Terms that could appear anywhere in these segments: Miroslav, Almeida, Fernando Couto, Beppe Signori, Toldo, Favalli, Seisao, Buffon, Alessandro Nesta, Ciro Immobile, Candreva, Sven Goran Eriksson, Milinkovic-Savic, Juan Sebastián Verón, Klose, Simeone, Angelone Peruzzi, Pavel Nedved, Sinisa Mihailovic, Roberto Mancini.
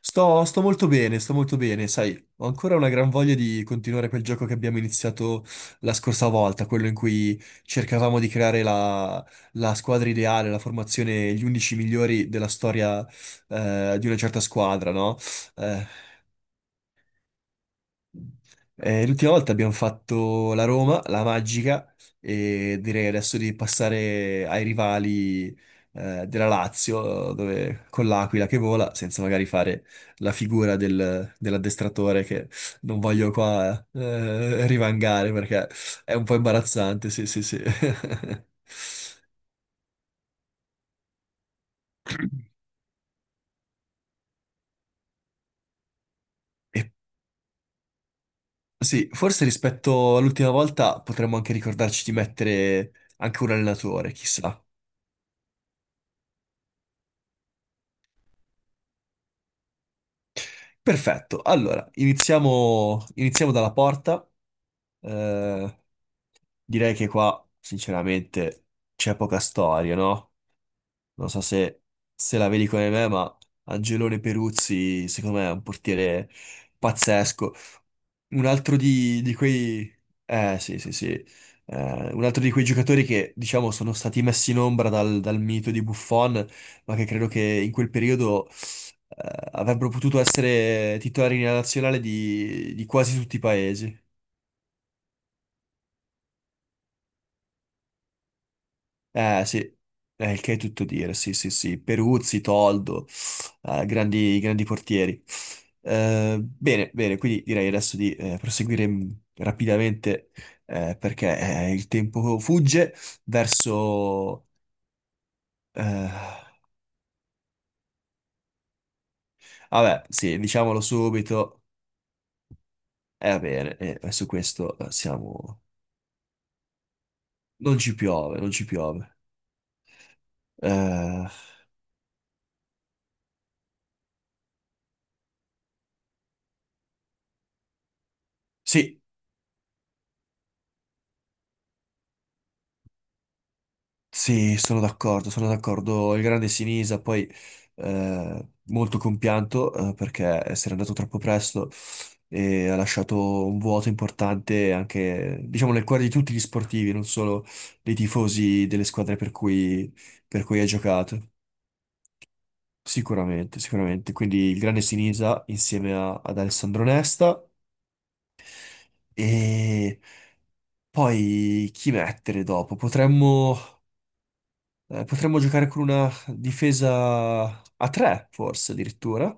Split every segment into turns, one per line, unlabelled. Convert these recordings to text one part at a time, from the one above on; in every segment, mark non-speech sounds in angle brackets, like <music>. Sto molto bene, sto molto bene, sai, ho ancora una gran voglia di continuare quel gioco che abbiamo iniziato la scorsa volta, quello in cui cercavamo di creare la squadra ideale, la formazione, gli 11 migliori della storia, di una certa squadra, no? Eh, L'ultima volta abbiamo fatto la Roma, la Magica, e direi adesso di passare ai rivali, della Lazio, dove, con l'Aquila che vola, senza magari fare la figura dell'addestratore che non voglio qua, rivangare, perché è un po' imbarazzante, sì, sì, sì. <laughs> E sì, forse rispetto all'ultima volta potremmo anche ricordarci di mettere anche un allenatore, chissà. Perfetto, allora iniziamo, iniziamo dalla porta. Eh, Direi che qua, sinceramente, c'è poca storia, no? Non so se la vedi come me, ma Angelone Peruzzi, secondo me, è un portiere pazzesco. Un altro di quei... sì, sì, sì. Un altro di quei giocatori che, diciamo, sono stati messi in ombra dal mito di Buffon, ma che credo che in quel periodo... avrebbero potuto essere titolari nella nazionale di quasi tutti i paesi. Eh sì, il che è tutto dire, sì sì sì. Peruzzi, Toldo, grandi, grandi portieri. Bene, bene, quindi direi adesso di proseguire rapidamente, perché il tempo fugge verso... eh, vabbè, sì, diciamolo subito, va bene, e su questo siamo... Non ci piove, non ci piove. Eh, sì. Sì, sono d'accordo, sono d'accordo. Il grande Sinisa, poi, molto compianto, perché se n'è andato troppo presto e ha lasciato un vuoto importante anche, diciamo, nel cuore di tutti gli sportivi, non solo dei tifosi delle squadre per cui ha giocato. Sicuramente, sicuramente. Quindi il grande Sinisa insieme ad Alessandro Nesta. E poi chi mettere dopo? Potremmo... potremmo giocare con una difesa a tre, forse addirittura.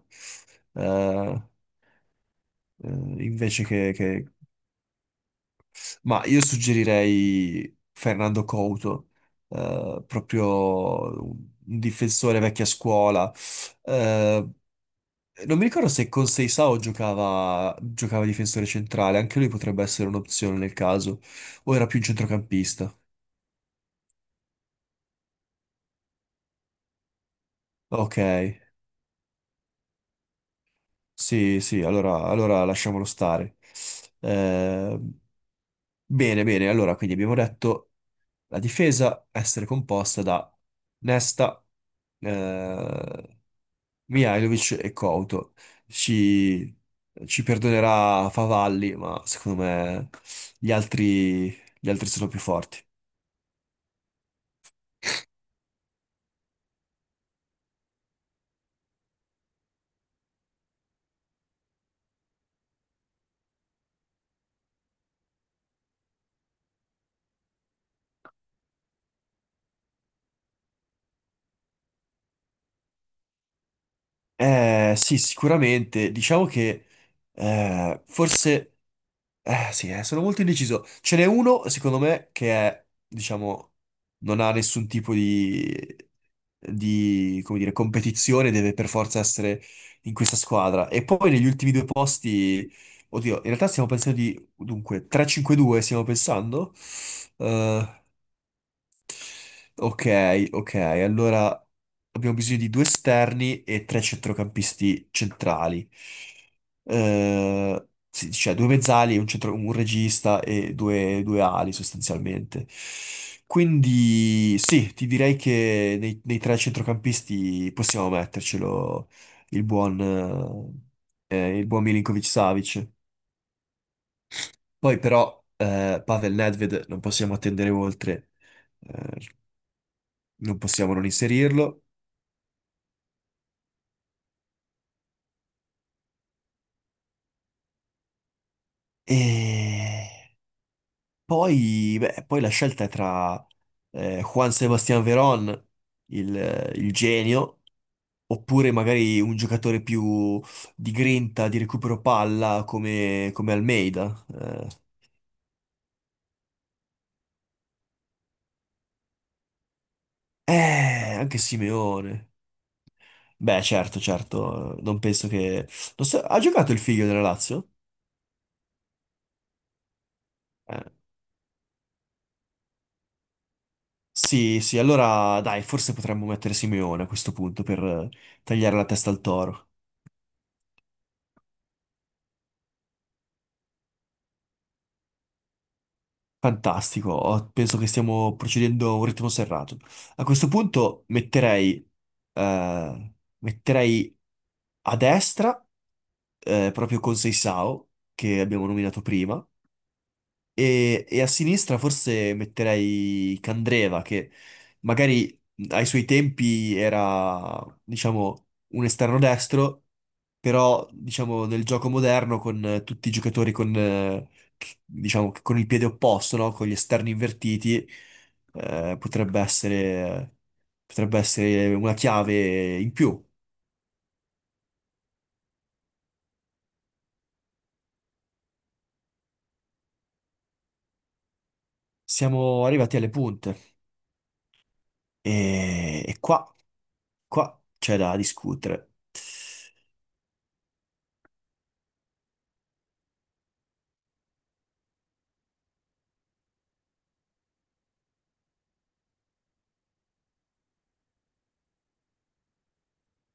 Eh, eh, invece che, che- Ma io suggerirei Fernando Couto, proprio un difensore vecchia scuola. Eh, Non mi ricordo se con Seisao giocava, giocava difensore centrale, anche lui potrebbe essere un'opzione nel caso, o era più un centrocampista. Ok. Sì, sì, allora lasciamolo stare. Eh, Bene, bene, allora quindi abbiamo detto la difesa essere composta da Nesta, eh, Mihailovic e Couto. Ci, ci perdonerà Favalli, ma secondo me gli altri, gli altri sono più forti. Sì, sicuramente. Diciamo che forse. Eh sì, sono molto indeciso. Ce n'è uno, secondo me, che è, diciamo, non ha nessun tipo di, come dire, competizione, deve per forza essere in questa squadra. E poi negli ultimi due posti, oddio, in realtà stiamo pensando di, dunque, 3-5-2 stiamo pensando? eh, Ok, ok, allora abbiamo bisogno di due esterni e tre centrocampisti centrali. Sì, cioè due mezzali, un regista e due ali, sostanzialmente. Quindi sì, ti direi che nei tre centrocampisti possiamo mettercelo il buon, il buon Milinkovic-Savic. Poi però Pavel Nedved non possiamo attendere oltre, eh, non possiamo non inserirlo. E poi, beh, poi la scelta è tra Juan Sebastián Verón, il genio, oppure magari un giocatore più di grinta, di recupero palla, come Almeida. Anche Simeone. Beh, certo, certo, non penso che... non so- Ha giocato il figlio della Lazio? Eh, Sì, sì, allora dai, forse potremmo mettere Simeone a questo punto per tagliare la testa al toro. Fantastico, penso che stiamo procedendo a un ritmo serrato. A questo punto eh, metterei a destra, proprio con Seisao, che abbiamo nominato prima, e a sinistra forse metterei Candreva, che magari ai suoi tempi era, diciamo, un esterno destro, però, diciamo, nel gioco moderno con tutti i giocatori con, diciamo, che con il piede opposto, no? Con gli esterni invertiti, eh, potrebbe essere, potrebbe essere una chiave in più. Siamo arrivati alle punte, e qua c'è da discutere.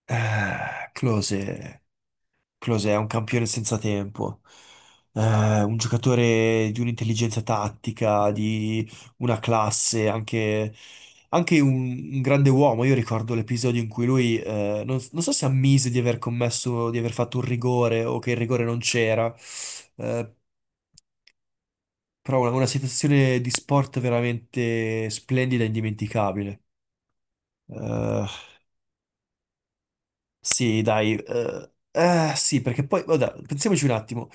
Eh, Klose, Klose è un campione senza tempo. Un giocatore di un'intelligenza tattica, di una classe, anche un grande uomo. Io ricordo l'episodio in cui lui, non so se ammise di aver commesso, di aver fatto un rigore, o che il rigore non c'era, eh, però una situazione di sport veramente splendida e indimenticabile. Eh, Sì, dai, sì, perché poi, vabbè, pensiamoci un attimo.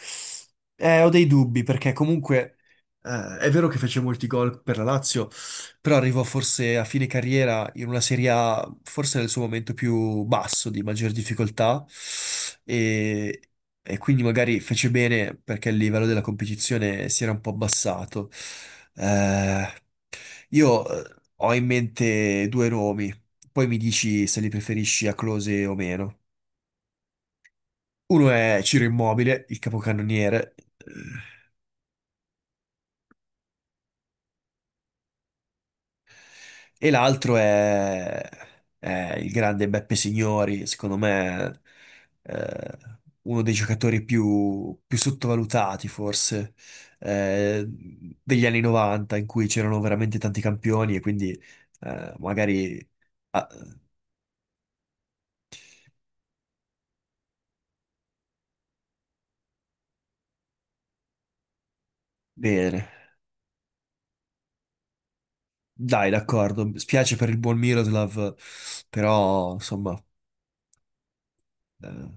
Ho dei dubbi, perché comunque è vero che fece molti gol per la Lazio, però arrivò forse a fine carriera in una Serie A, forse nel suo momento più basso, di maggior difficoltà, e, e quindi magari fece bene perché il livello della competizione si era un po' abbassato. Eh, io ho in mente due nomi, poi mi dici se li preferisci a Close o meno. Uno è Ciro Immobile, il capocannoniere, e l'altro è il grande Beppe Signori, secondo me eh, uno dei giocatori più sottovalutati, forse, degli anni 90, in cui c'erano veramente tanti campioni, e quindi magari... Ah, bene, dai, d'accordo, spiace per il buon Miroslav, però insomma... eh,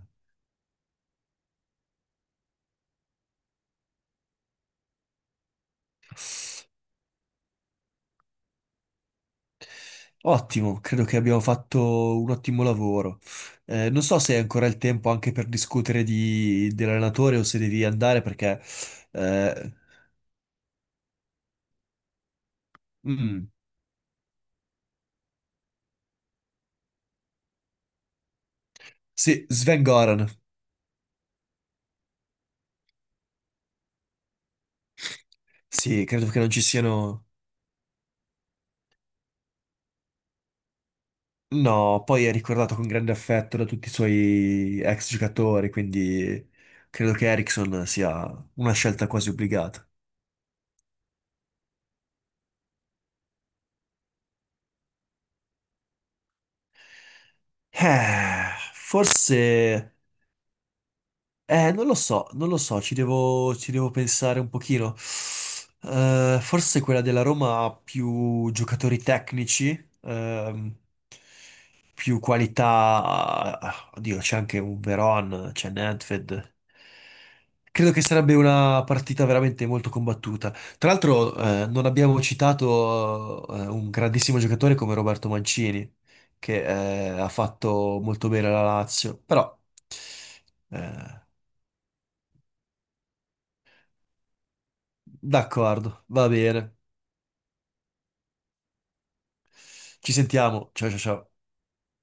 Ottimo, credo che abbiamo fatto un ottimo lavoro. Non so se hai ancora il tempo anche per discutere dell'allenatore, o se devi andare, perché... eh, mm, sì, Sven Goran. Sì, credo che non ci siano... No, poi è ricordato con grande affetto da tutti i suoi ex giocatori, quindi credo che Eriksson sia una scelta quasi obbligata. Forse. Non lo so, non lo so, ci devo pensare un pochino. Forse quella della Roma ha più giocatori tecnici, più qualità. Oddio, c'è anche un Veron, c'è Nedved. Credo che sarebbe una partita veramente molto combattuta. Tra l'altro, non abbiamo citato, un grandissimo giocatore come Roberto Mancini, che, ha fatto molto bene alla Lazio, però... eh, D'accordo, va bene. Ci sentiamo. Ciao, ciao, ciao.